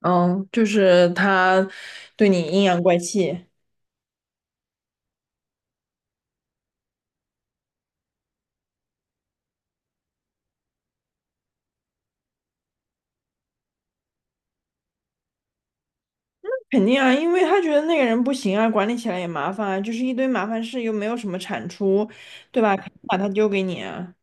嗯，就是他对你阴阳怪气，肯定啊，因为他觉得那个人不行啊，管理起来也麻烦啊，就是一堆麻烦事，又没有什么产出，对吧？肯定把他丢给你啊。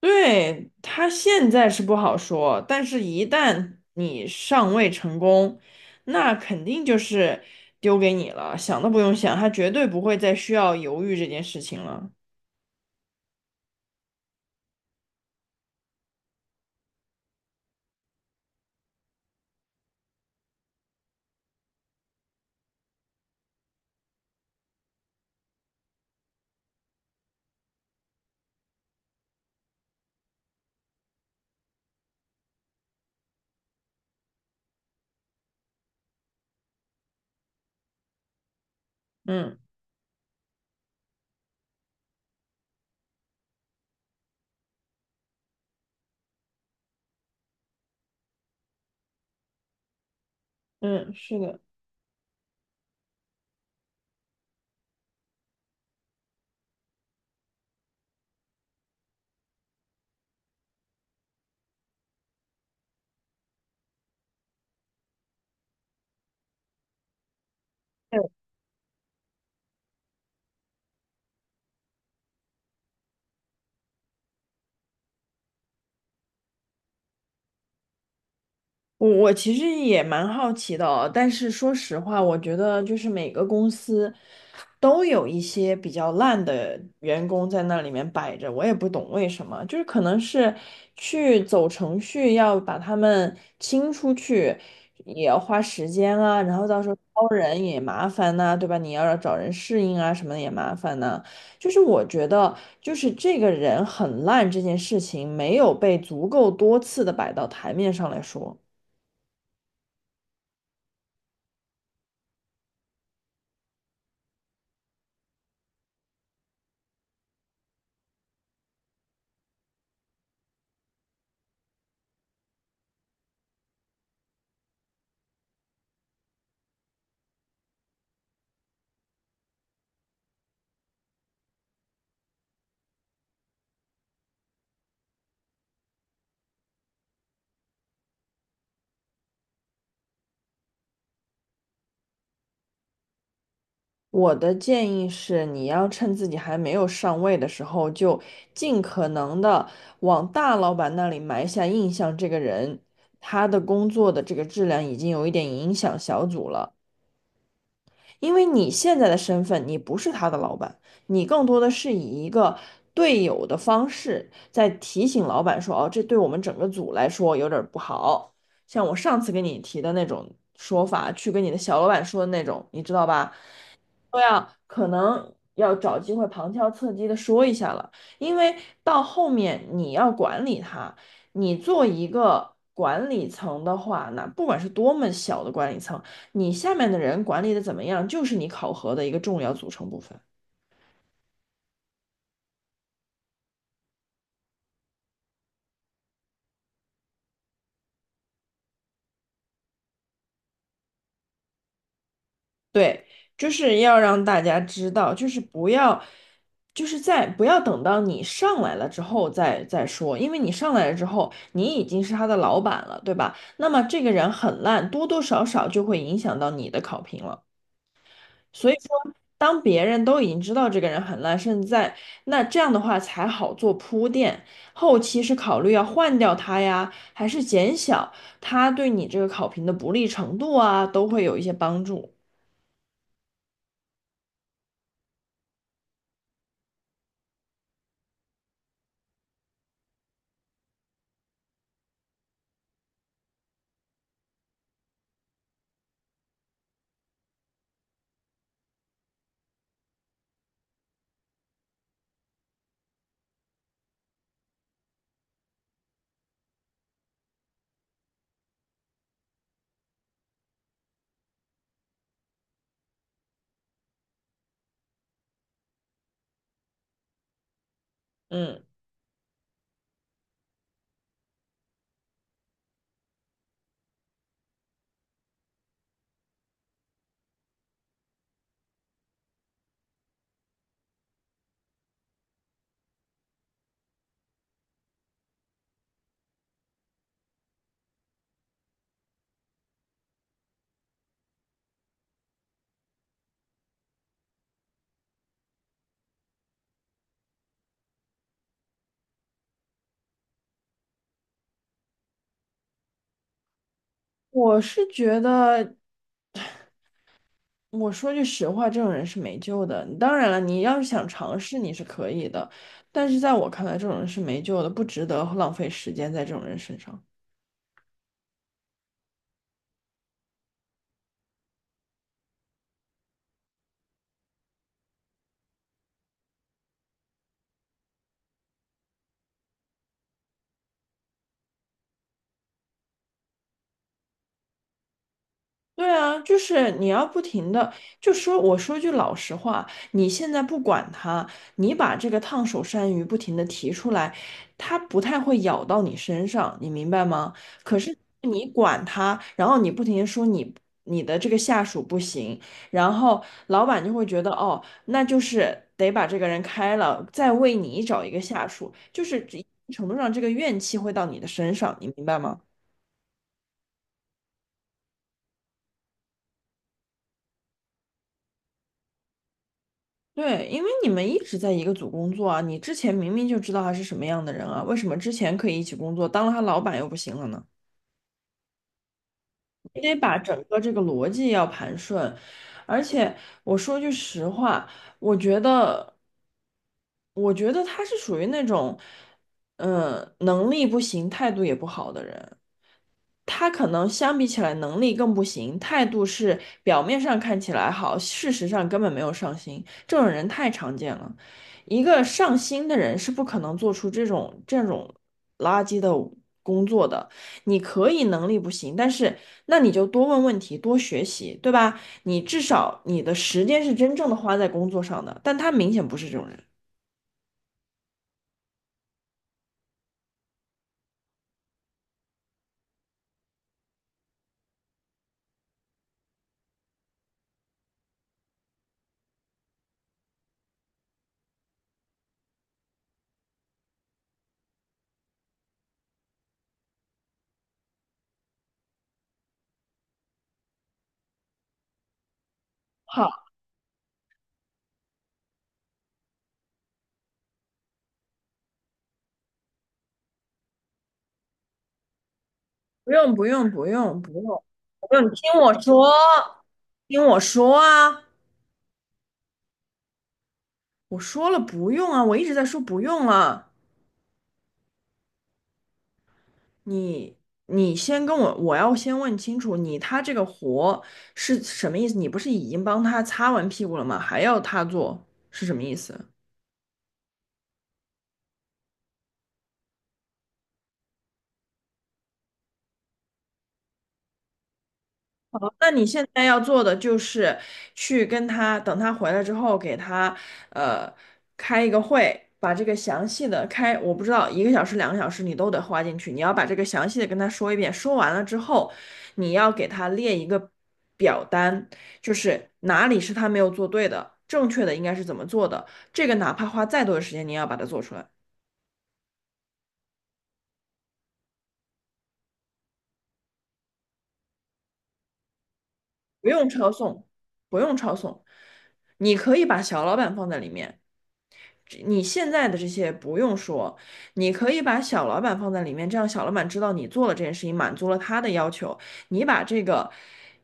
对，他现在是不好说，但是一旦你上位成功，那肯定就是丢给你了，想都不用想，他绝对不会再需要犹豫这件事情了。嗯嗯，是的。我其实也蛮好奇的哦，但是说实话，我觉得就是每个公司都有一些比较烂的员工在那里面摆着，我也不懂为什么，就是可能是去走程序要把他们清出去，也要花时间啊，然后到时候招人也麻烦呐、对吧？你要找人适应啊，什么的也麻烦呐、就是我觉得，就是这个人很烂这件事情没有被足够多次的摆到台面上来说。我的建议是，你要趁自己还没有上位的时候，就尽可能的往大老板那里埋下印象。这个人，他的工作的这个质量已经有一点影响小组了。因为你现在的身份，你不是他的老板，你更多的是以一个队友的方式在提醒老板说："哦，这对我们整个组来说有点儿不好。"像我上次跟你提的那种说法，去跟你的小老板说的那种，你知道吧？说呀，可能要找机会旁敲侧击的说一下了，因为到后面你要管理它，你做一个管理层的话，那不管是多么小的管理层，你下面的人管理的怎么样，就是你考核的一个重要组成部分。对，就是要让大家知道，就是不要，就是在不要等到你上来了之后再说，因为你上来了之后，你已经是他的老板了，对吧？那么这个人很烂，多多少少就会影响到你的考评了。所以说，当别人都已经知道这个人很烂，甚至在那这样的话才好做铺垫，后期是考虑要换掉他呀，还是减小他对你这个考评的不利程度啊，都会有一些帮助。嗯。我是觉得，我说句实话，这种人是没救的。当然了，你要是想尝试，你是可以的，但是在我看来，这种人是没救的，不值得浪费时间在这种人身上。对啊，就是你要不停的，就说我说句老实话，你现在不管他，你把这个烫手山芋不停的提出来，他不太会咬到你身上，你明白吗？可是你管他，然后你不停的说你的这个下属不行，然后老板就会觉得哦，那就是得把这个人开了，再为你找一个下属，就是一定程度上这个怨气会到你的身上，你明白吗？对，因为你们一直在一个组工作啊，你之前明明就知道他是什么样的人啊，为什么之前可以一起工作，当了他老板又不行了呢？你得把整个这个逻辑要盘顺，而且我说句实话，我觉得，我觉得他是属于那种，能力不行，态度也不好的人。他可能相比起来能力更不行，态度是表面上看起来好，事实上根本没有上心，这种人太常见了。一个上心的人是不可能做出这种垃圾的工作的。你可以能力不行，但是那你就多问问题，多学习，对吧？你至少你的时间是真正的花在工作上的，但他明显不是这种人。好，不用不用不用不用不用，你听我说，听我说啊。我说了不用啊，我一直在说不用了。你你先跟我，我要先问清楚，你他这个活是什么意思？你不是已经帮他擦完屁股了吗？还要他做是什么意思？好，那你现在要做的就是去跟他，等他回来之后，给他呃开一个会，把这个详细的开，我不知道1个小时、2个小时你都得花进去，你要把这个详细的跟他说一遍。说完了之后，你要给他列一个表单，就是哪里是他没有做对的，正确的应该是怎么做的，这个哪怕花再多的时间，你也要把它做出来，不用抄送，不用抄送，你可以把小老板放在里面。你现在的这些不用说，你可以把小老板放在里面，这样小老板知道你做了这件事情，满足了他的要求。你把这个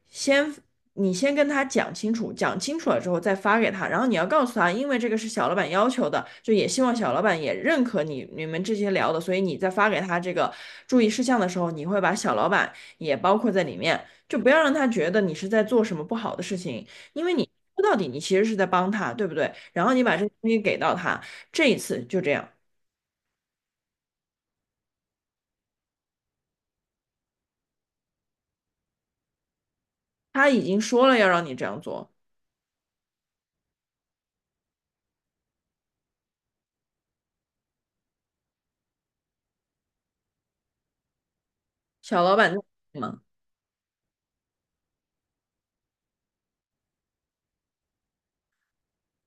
先，你先跟他讲清楚，讲清楚了之后再发给他，然后你要告诉他，因为这个是小老板要求的，就也希望小老板也认可你你们这些聊的，所以你在发给他这个注意事项的时候，你会把小老板也包括在里面，就不要让他觉得你是在做什么不好的事情。因为你说到底，你其实是在帮他，对不对？然后你把这个东西给到他，这一次就这样，他已经说了要让你这样做，小老板在吗？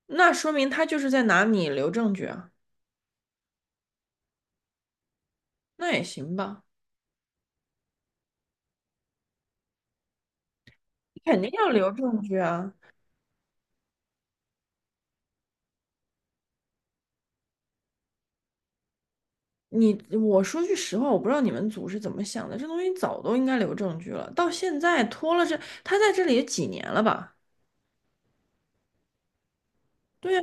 那说明他就是在拿你留证据啊，那也行吧，肯定要留证据啊。你我说句实话，我不知道你们组是怎么想的，这东西早都应该留证据了，到现在拖了这，他在这里也几年了吧？对呀，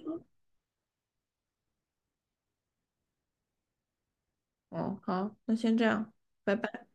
嗯，好，那先这样，拜拜。